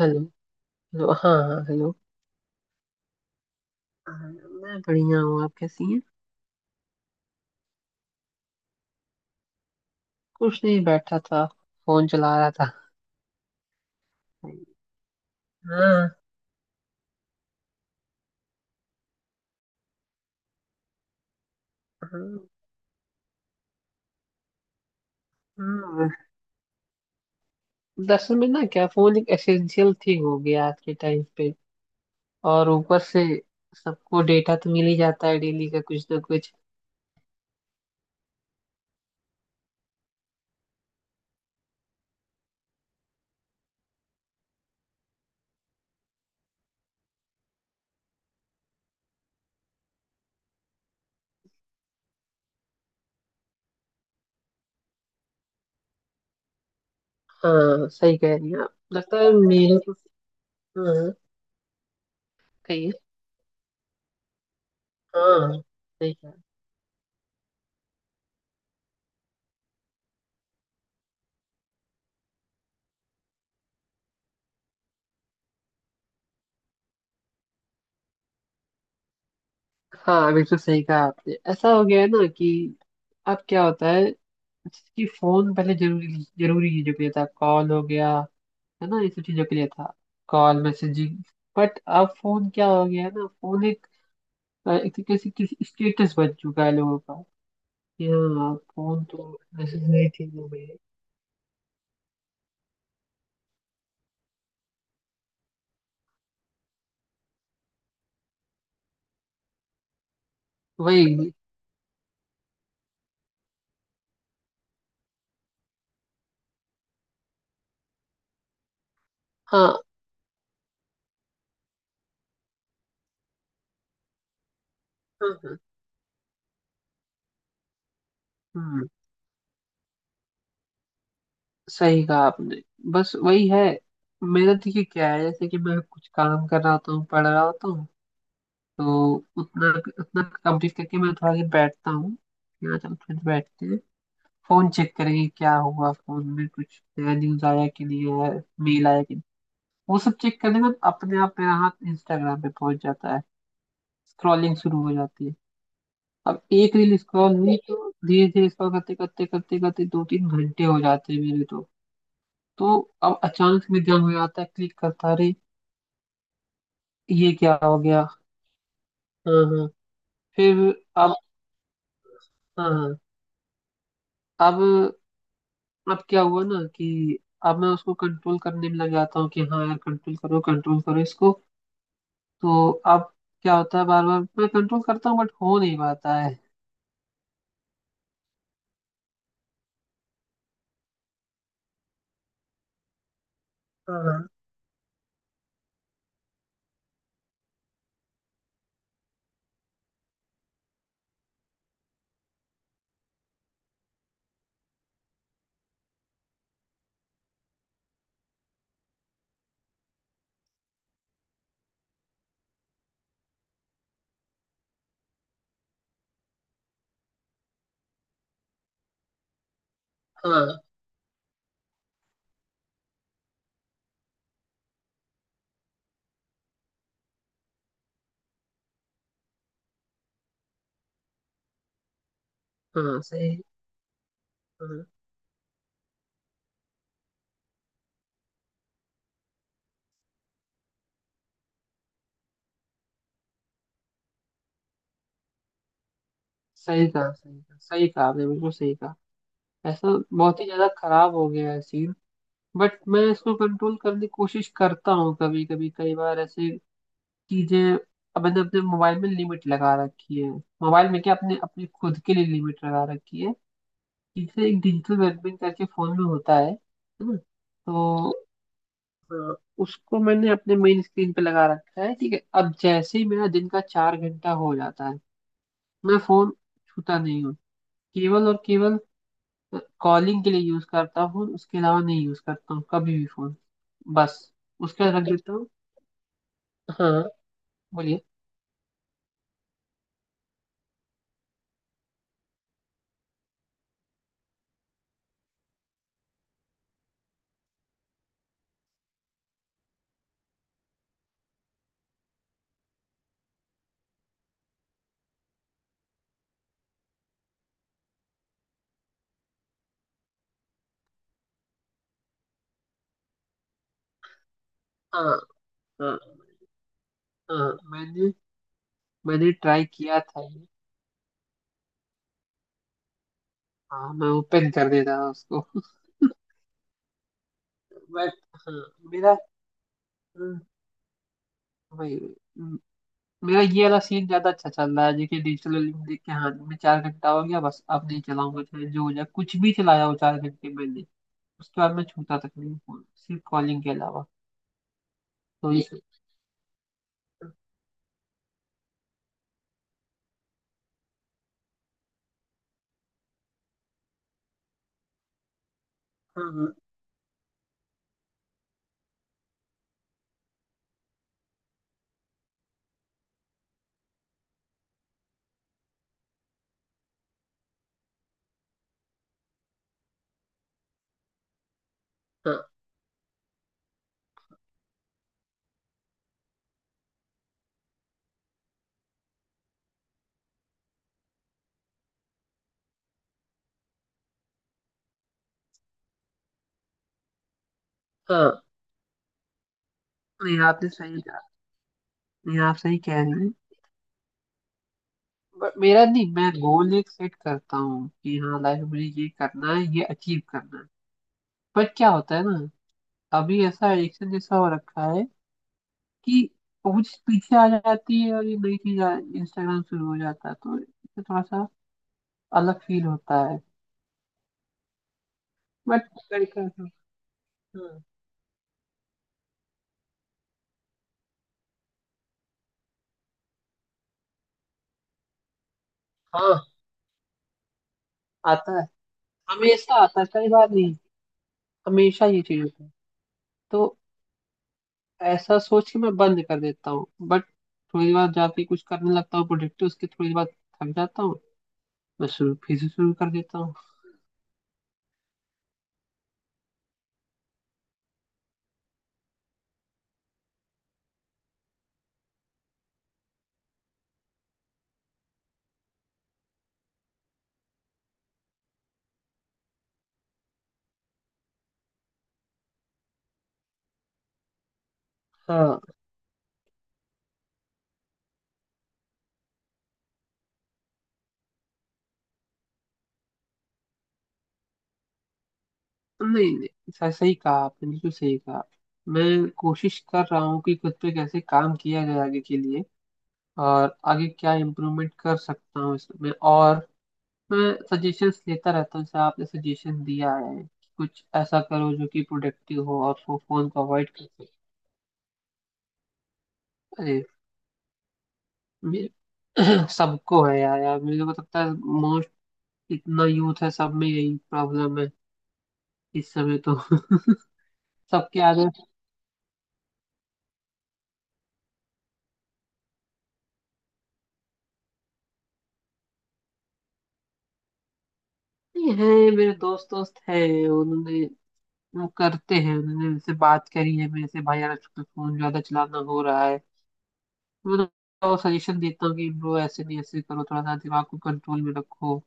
Hello. Hello. हाँ हाँ, hello. हाँ, मैं बढ़िया हूँ। आप कैसी हैं? कुछ नहीं, बैठा था। फोन चला रहा था। हाँ। हाँ। हाँ। दरअसल में ना, क्या फोन एक एसेंशियल थिंग हो गया आज के टाइम पे। और ऊपर से सबको डेटा तो मिल ही जाता है, डेली का कुछ ना कुछ। हाँ, सही कह रही हैं आप, लगता है मेरे को। हाँ, कहिए। हाँ, सही कह। हाँ, बिल्कुल सही कहा आपने। ऐसा हो गया है ना कि अब क्या होता है कि फोन पहले जरूरी जरूरी चीजों के लिए था, कॉल हो गया, है ना, ये सब चीजों के लिए था। Call, messaging. बट अब फोन क्या हो गया है ना, फोन एक तरीके से किसी स्टेटस बन चुका है लोगों का। कि हाँ, फोन तो नेसेसरी चीज हो गई है। वही। हाँ हाँ, हाँ। हम्म। सही कहा आपने। बस वही है। मेरा देखिए क्या है, जैसे कि मैं कुछ काम कर रहा होता हूँ, पढ़ रहा होता हूँ। तो उतना उतना कंप्लीट करके मैं थोड़ा देर बैठता हूँ। यहाँ चल, फिर बैठते हैं। फोन चेक करेंगे, क्या हुआ फोन में, कुछ नया न्यूज आया कि नहीं आया। मेल आया कि नहीं। वो सब चेक करने में अपने आप मेरा हाथ इंस्टाग्राम पे पहुंच जाता है। स्क्रॉलिंग शुरू हो जाती है। अब एक रील स्क्रॉल हुई तो धीरे धीरे स्क्रॉल करते करते करते करते 2-3 घंटे हो जाते हैं मेरे तो। तो अब अचानक से मेरे ध्यान में आता है, क्लिक करता, अरे, ये क्या हो गया। हाँ हाँ। फिर। अब। हाँ हाँ। अब अब क्या हुआ ना, कि अब मैं उसको कंट्रोल करने में लग जाता हूँ कि हाँ यार, कंट्रोल करो, कंट्रोल करो इसको। तो अब क्या होता है, बार बार मैं कंट्रोल करता हूँ बट हो नहीं पाता है। हाँ हाँ। हाँ सही। हाँ, सही कहा, सही कहा, सही कहा आपने, बिल्कुल सही कहा। ऐसा बहुत ही ज्यादा खराब हो गया है सीन। बट मैं इसको कंट्रोल करने की कोशिश करता हूँ कभी कभी कई बार, ऐसे चीजें। अब मैंने अपने मोबाइल में लिमिट लगा रखी है, मोबाइल में क्या, अपने अपने खुद के लिए लिमिट लगा रखी है। इसे एक डिजिटल वेलबींग करके फोन में होता है ना, तो अ, उसको मैंने अपने मेन स्क्रीन पे लगा रखा है। ठीक है, अब जैसे ही मेरा दिन का 4 घंटा हो जाता है, मैं फोन छूता नहीं हूँ। केवल और केवल कॉलिंग के लिए यूज करता हूँ, उसके अलावा नहीं यूज करता हूँ कभी भी फोन, बस। उसके बाद रख देता हूँ। हाँ, बोलिए। हाँ हाँ। हाँ, मैंने मैंने ट्राई किया था ये। हाँ, मैं ओपन कर देता था उसको। बट हाँ। मेरा, भाई, म- मेरा ये वाला सीन ज्यादा अच्छा चल रहा है, देखिए। डिजिटल लिमिट देख के, हाँ, मैं 4 घंटा हो गया बस, अब नहीं चलाऊंगा चाहे जो हो जाए, कुछ भी चलाया हो, 4 घंटे मैंने। उसके बाद मैं छूता तक नहीं फोन, सिर्फ कॉलिंग के अलावा। तो ये। हाँ हाँ, हाँ। नहीं, आपने सही कहा। नहीं, आप सही कह रहे हैं। बट मेरा नहीं, मैं गोल एक सेट करता हूँ कि हाँ, लाइफ में ये करना है, ये अचीव करना है। बट क्या होता है ना, अभी ऐसा एडिक्शन जैसा हो रखा है कि पहुंच पीछे आ जाती है और ये नई चीज इंस्टाग्राम शुरू हो जाता है, तो इससे थोड़ा सा अलग फील होता है। बट लड़का। हाँ हाँ। आता है, हमेशा आता है, कई बार नहीं, हमेशा ये चीज होता है। तो ऐसा सोच के मैं बंद कर देता हूँ बट थोड़ी देर बाद जाके कुछ करने लगता हूँ प्रोडक्टिव। उसके थोड़ी देर बाद थक जाता हूँ, मैं शुरू, फिर से शुरू कर देता हूँ। हाँ। नहीं नहीं, सही, सही कहा आपने, बिल्कुल सही कहा। मैं कोशिश कर रहा हूँ कि खुद पे कैसे काम किया जाए आगे के लिए, और आगे क्या इम्प्रूवमेंट कर सकता हूँ इसमें, और मैं सजेशंस लेता रहता हूँ, जैसे आपने सजेशन दिया है कि कुछ ऐसा करो जो कि प्रोडक्टिव हो और वो फोन को अवॉइड कर सके। अरे, मे- सबको है यार, यार मुझे को लगता है मोस्ट, इतना यूथ है, सब में यही प्रॉब्लम है इस समय तो। सबके आगे है। मेरे दोस्त दोस्त है, उन्होंने, वो करते हैं, उन्होंने मेरे से बात करी है मेरे से, भाई यार फोन ज्यादा चलाना हो रहा है। वो तो सजेशन देता हूँ कि ब्रो, ऐसे नहीं, ऐसे करो, थोड़ा सा दिमाग को कंट्रोल में रखो।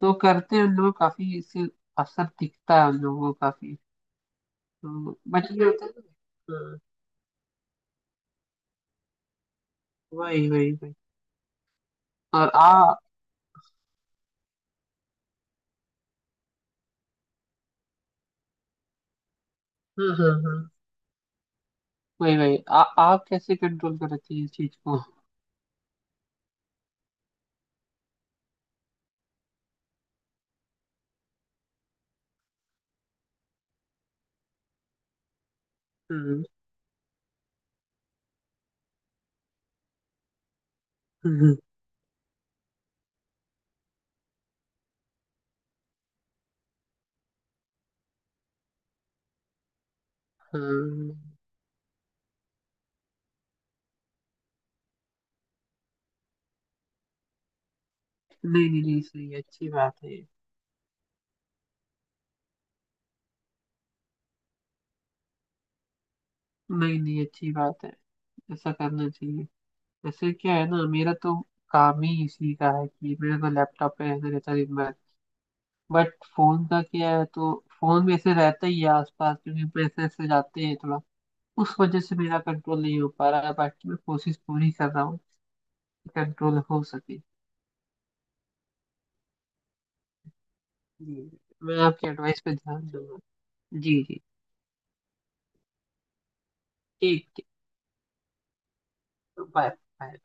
तो करते हैं उन लोग, काफी इससे असर दिखता है उन लोगों को काफी। तो बट ये होता है ना, हाँ। वही वही वही। और आ हाँ। हाँ हाँ। वही वही, आ आप कैसे कंट्रोल करती है इस चीज को? हम्म। हम्म। हाँ। नहीं नहीं नहीं, सही है, अच्छी बात है ये। नहीं नहीं, अच्छी बात है। ऐसा करना चाहिए। जैसे क्या है ना, मेरा तो काम ही इसी का है कि मेरे को लैपटॉप पे ऐसे रहता है दिन भर। बट फोन का क्या है, तो फोन भी ऐसे रहता ही है आसपास, क्योंकि पैसे ऐसे जाते हैं थोड़ा, उस वजह से मेरा कंट्रोल नहीं हो पा रहा है। बाकी मैं कोशिश पूरी कर रहा हूँ कि कंट्रोल हो सके। जी, मैं आपकी एडवाइस पे ध्यान दूंगा। जी जी, ठीक ठीक। Bye bye.